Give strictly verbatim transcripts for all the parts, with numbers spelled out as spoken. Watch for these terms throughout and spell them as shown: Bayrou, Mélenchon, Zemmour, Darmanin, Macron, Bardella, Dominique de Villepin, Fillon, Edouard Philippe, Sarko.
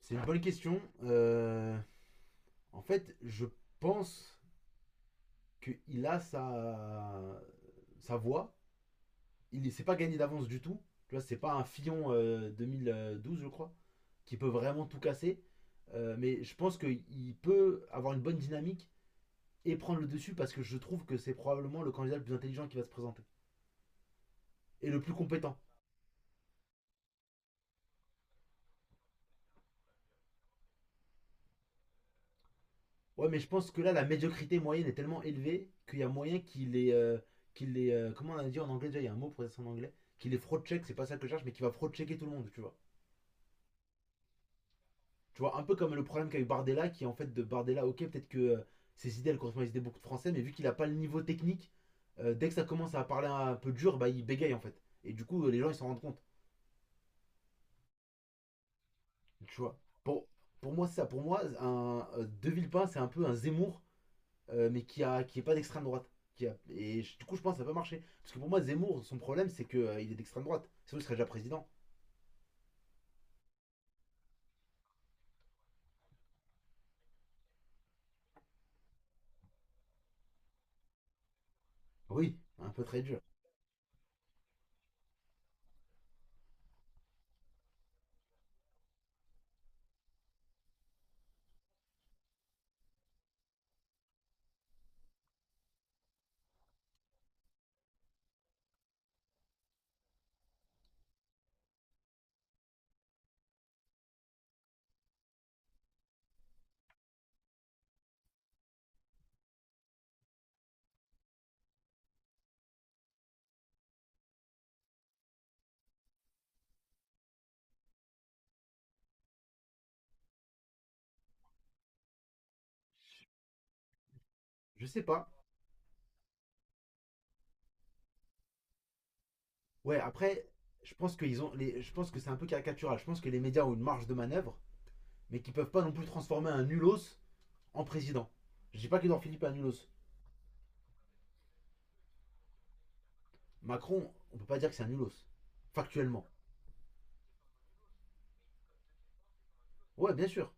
C'est une bonne question. Euh, en fait, je pense qu'il a sa, sa voix. Il ne s'est pas gagné d'avance du tout. Tu vois, c'est pas un Fillon euh, deux mille douze, je crois, qui peut vraiment tout casser. Euh, mais je pense qu'il peut avoir une bonne dynamique et prendre le dessus parce que je trouve que c'est probablement le candidat le plus intelligent qui va se présenter. Et le plus compétent. Ouais, mais je pense que là, la médiocrité moyenne est tellement élevée qu'il y a moyen qu'il est. euh, qu'il les, euh, comment on a dit en anglais déjà, il y a un mot pour ça en anglais, qu'il est fraud-check, c'est pas ça que je cherche, mais qu'il va fraud-checker tout le monde, tu vois. Tu vois, un peu comme le problème qu'a eu Bardella, qui en fait de Bardella, ok, peut-être que euh, ses idées, elles correspondent à des idées beaucoup de Français, mais vu qu'il a pas le niveau technique, euh, dès que ça commence à parler un peu dur, bah il bégaye en fait. Et du coup, euh, les gens, ils s'en rendent compte, tu vois. Pour, pour moi, c'est ça. Pour moi, un, euh, De Villepin, c'est un peu un Zemmour euh, mais qui a qui est pas d'extrême droite. Qui a- et je- Du coup, je pense que ça peut marcher. Parce que pour moi, Zemmour, son problème, c'est qu'il il est d'extrême droite. Sinon, il serait déjà président. Oui, un peu très dur. Je sais pas. Ouais, après, je pense, qu'ils ont les, je pense que c'est un peu caricatural. Je pense que les médias ont une marge de manœuvre, mais qu'ils peuvent pas non plus transformer un nulos en président. Je dis pas qu'Edouard Philippe est un nulos. Macron, on peut pas dire que c'est un nulos. Factuellement. Ouais, bien sûr.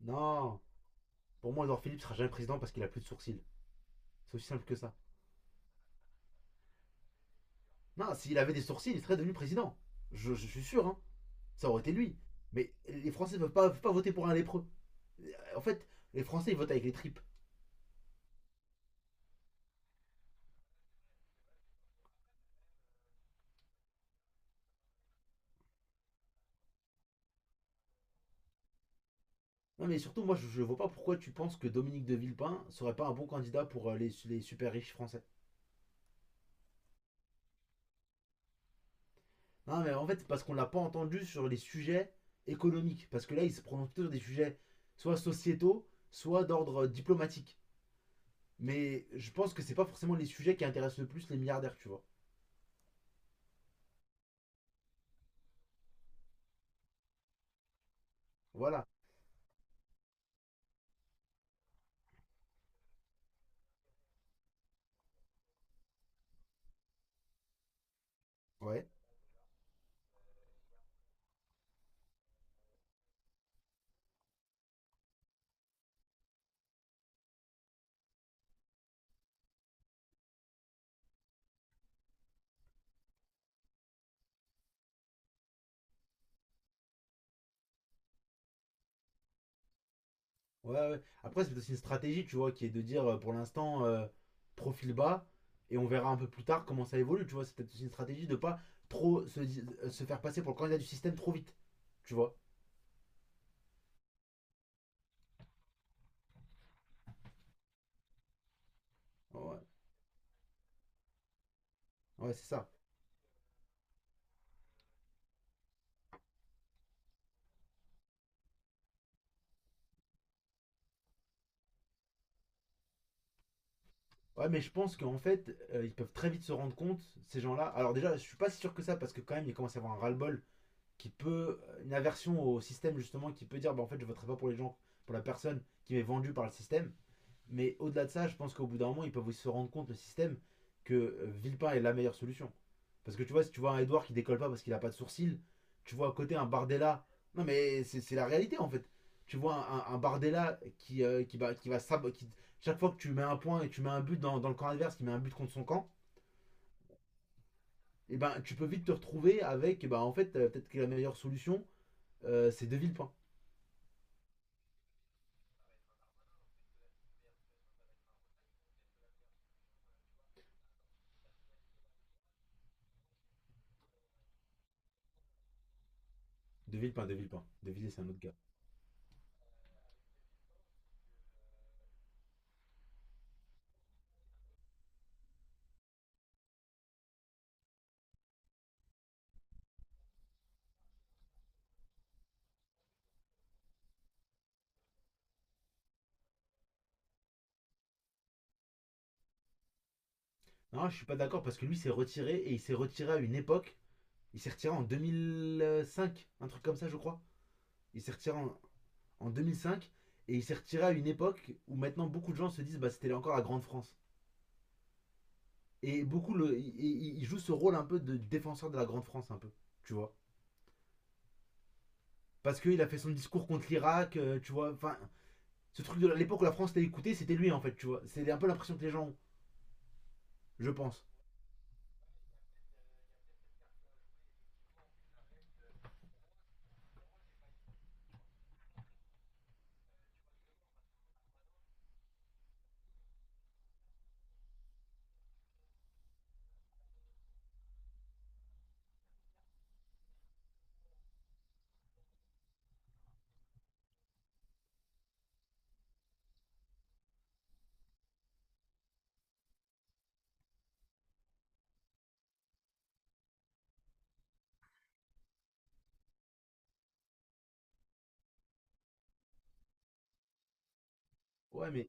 Non. Pour moi, Edouard Philippe sera jamais président parce qu'il a plus de sourcils. C'est aussi simple que ça. Non, s'il avait des sourcils, il serait devenu président. Je, je suis sûr, hein. Ça aurait été lui. Mais les Français ne peuvent pas, peuvent pas voter pour un lépreux. Euh, En fait, les Français, ils votent avec les tripes. Non, mais surtout, moi, je ne vois pas pourquoi tu penses que Dominique de Villepin serait pas un bon candidat pour euh, les, les super riches français. Non, mais en fait, c'est parce qu'on ne l'a pas entendu sur les sujets économiques. Parce que là, il se prononce plutôt sur des sujets soit sociétaux, soit d'ordre euh, diplomatique. Mais je pense que c'est pas forcément les sujets qui intéressent le plus les milliardaires, tu vois. Voilà. Ouais. Ouais, ouais. Après, c'est aussi une stratégie, tu vois, qui est de dire euh, pour l'instant euh, profil bas et on verra un peu plus tard comment ça évolue, tu vois. C'est peut-être aussi une stratégie de pas trop se, di- euh, se faire passer pour le candidat du système trop vite, tu vois. Ouais, ouais, c'est ça. Ouais, mais je pense qu'en fait, euh, ils peuvent très vite se rendre compte, ces gens-là. Alors, déjà, je suis pas si sûr que ça parce que quand même, il commence à y avoir un ras-le-bol qui peut, euh, une aversion au système, justement, qui peut dire, bah en fait, je voterai pas pour les gens, pour la personne qui m'est vendue par le système. Mais au-delà de ça, je pense qu'au bout d'un moment, ils peuvent aussi se rendre compte, le système, que euh, Villepin est la meilleure solution. Parce que tu vois, si tu vois un Edouard qui décolle pas parce qu'il a pas de sourcils, tu vois à côté un Bardella. Non, mais c'est c'est la réalité en fait. Tu vois un, un- Bardella qui, euh, qui, va, qui va sab- qui- chaque fois que tu mets un point et que tu mets un but dans, dans le camp adverse, qui met un but contre son camp, et ben tu peux vite te retrouver avec, eh ben, en fait, euh, peut-être que la meilleure solution, euh, c'est De Villepin. De Villepin, De Villepin. De Villepin c'est un autre gars. Non, je suis pas d'accord parce que lui s'est retiré et il s'est retiré à une époque. Il s'est retiré en deux mille cinq, un truc comme ça, je crois. Il s'est retiré en, en deux mille cinq et il s'est retiré à une époque où maintenant beaucoup de gens se disent bah c'était encore la Grande France. Et beaucoup le, il- il, joue ce rôle un peu de défenseur de la Grande France un peu, tu vois. Parce qu'il a fait son discours contre l'Irak, euh, tu vois. Enfin, ce truc de l'époque où la France l'a écouté, c'était lui en fait, tu vois. C'est un peu l'impression que les gens ont, je pense. Ouais, mais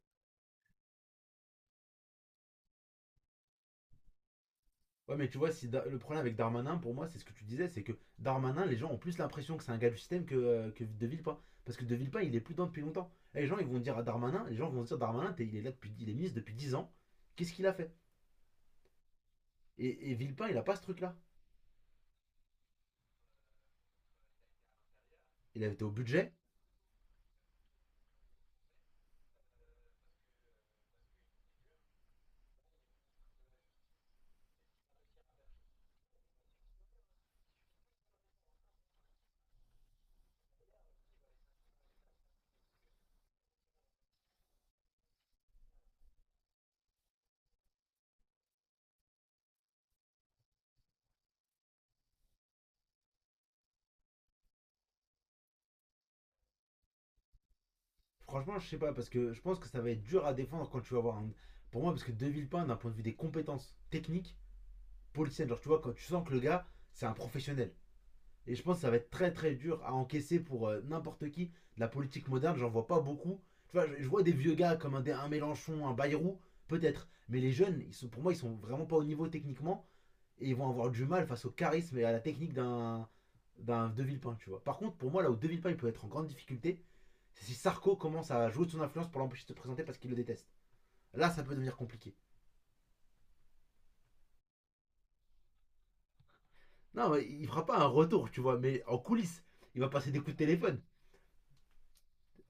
Ouais, mais tu vois, si Da- le problème avec Darmanin, pour moi, c'est ce que tu disais, c'est que Darmanin, les gens ont plus l'impression que c'est un gars du système que, euh, que De Villepin. Parce que De Villepin, il est plus dedans depuis longtemps. Et les gens, ils vont dire à Darmanin, les gens vont se dire Darmanin, t'es- il est là depuis, il est ministre depuis dix ans, qu'est-ce qu'il a fait et, et Villepin, il a pas ce truc-là. Il a été au budget. Franchement, je sais pas, parce que je pense que ça va être dur à défendre quand tu vas voir un. Pour moi, parce que De Villepin, d'un point de vue des compétences techniques, politiciennes, genre, tu vois, quand tu sens que le gars, c'est un professionnel. Et je pense que ça va être très très dur à encaisser pour euh, n'importe qui. De la politique moderne, j'en vois pas beaucoup. Tu vois, je, je vois des vieux gars comme un, un Mélenchon, un Bayrou, peut-être. Mais les jeunes, ils sont, pour moi, ils sont vraiment pas au niveau techniquement. Et ils vont avoir du mal face au charisme et à la technique d'un, d'un De Villepin, tu vois. Par contre, pour moi, là où De Villepin il peut être en grande difficulté, c'est si Sarko commence à jouer de son influence pour l'empêcher de se présenter parce qu'il le déteste. Là, ça peut devenir compliqué. Non, mais il fera pas un retour, tu vois, mais en coulisses. Il va passer des coups de téléphone.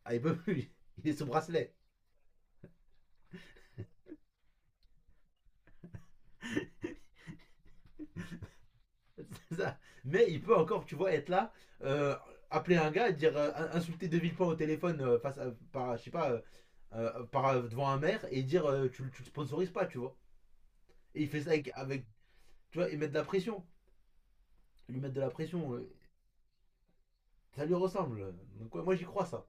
Ah, il peut plus. Il est sous bracelet. C'est ça. Mais il peut encore, tu vois, être là, euh, appeler un gars et dire euh, insulter De Villepin au téléphone euh, face à, par, je sais pas, euh, euh, par, euh, devant un maire et dire euh, tu, le- tu le sponsorises pas, tu vois. Et il fait ça avec, avec, tu vois, il met de la pression, lui mettre de la pression, euh, ça lui ressemble. Donc ouais, moi j'y crois ça.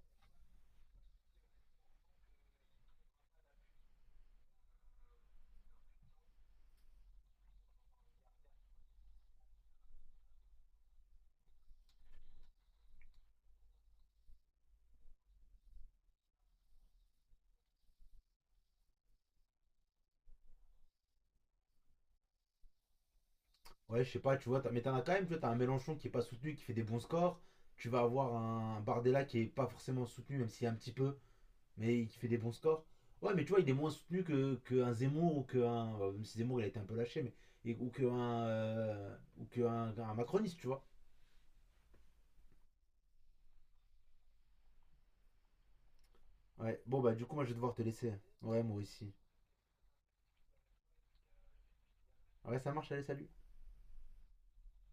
Ouais, je sais pas, tu vois, t'as- mais t'en as quand même, tu vois, t'as un Mélenchon qui est pas soutenu, qui fait des bons scores. Tu vas avoir un Bardella qui est pas forcément soutenu, même s'il y a un petit peu, mais qui fait des bons scores. Ouais, mais tu vois, il est moins soutenu que qu'un Zemmour ou qu'un. Bah, même si Zemmour, il a été un peu lâché, mais. et- ou qu'un. Euh, ou qu'un macroniste, tu vois. Ouais, bon, bah, du coup, moi, je vais devoir te laisser. Ouais, moi aussi. Ouais, ça marche, allez, salut.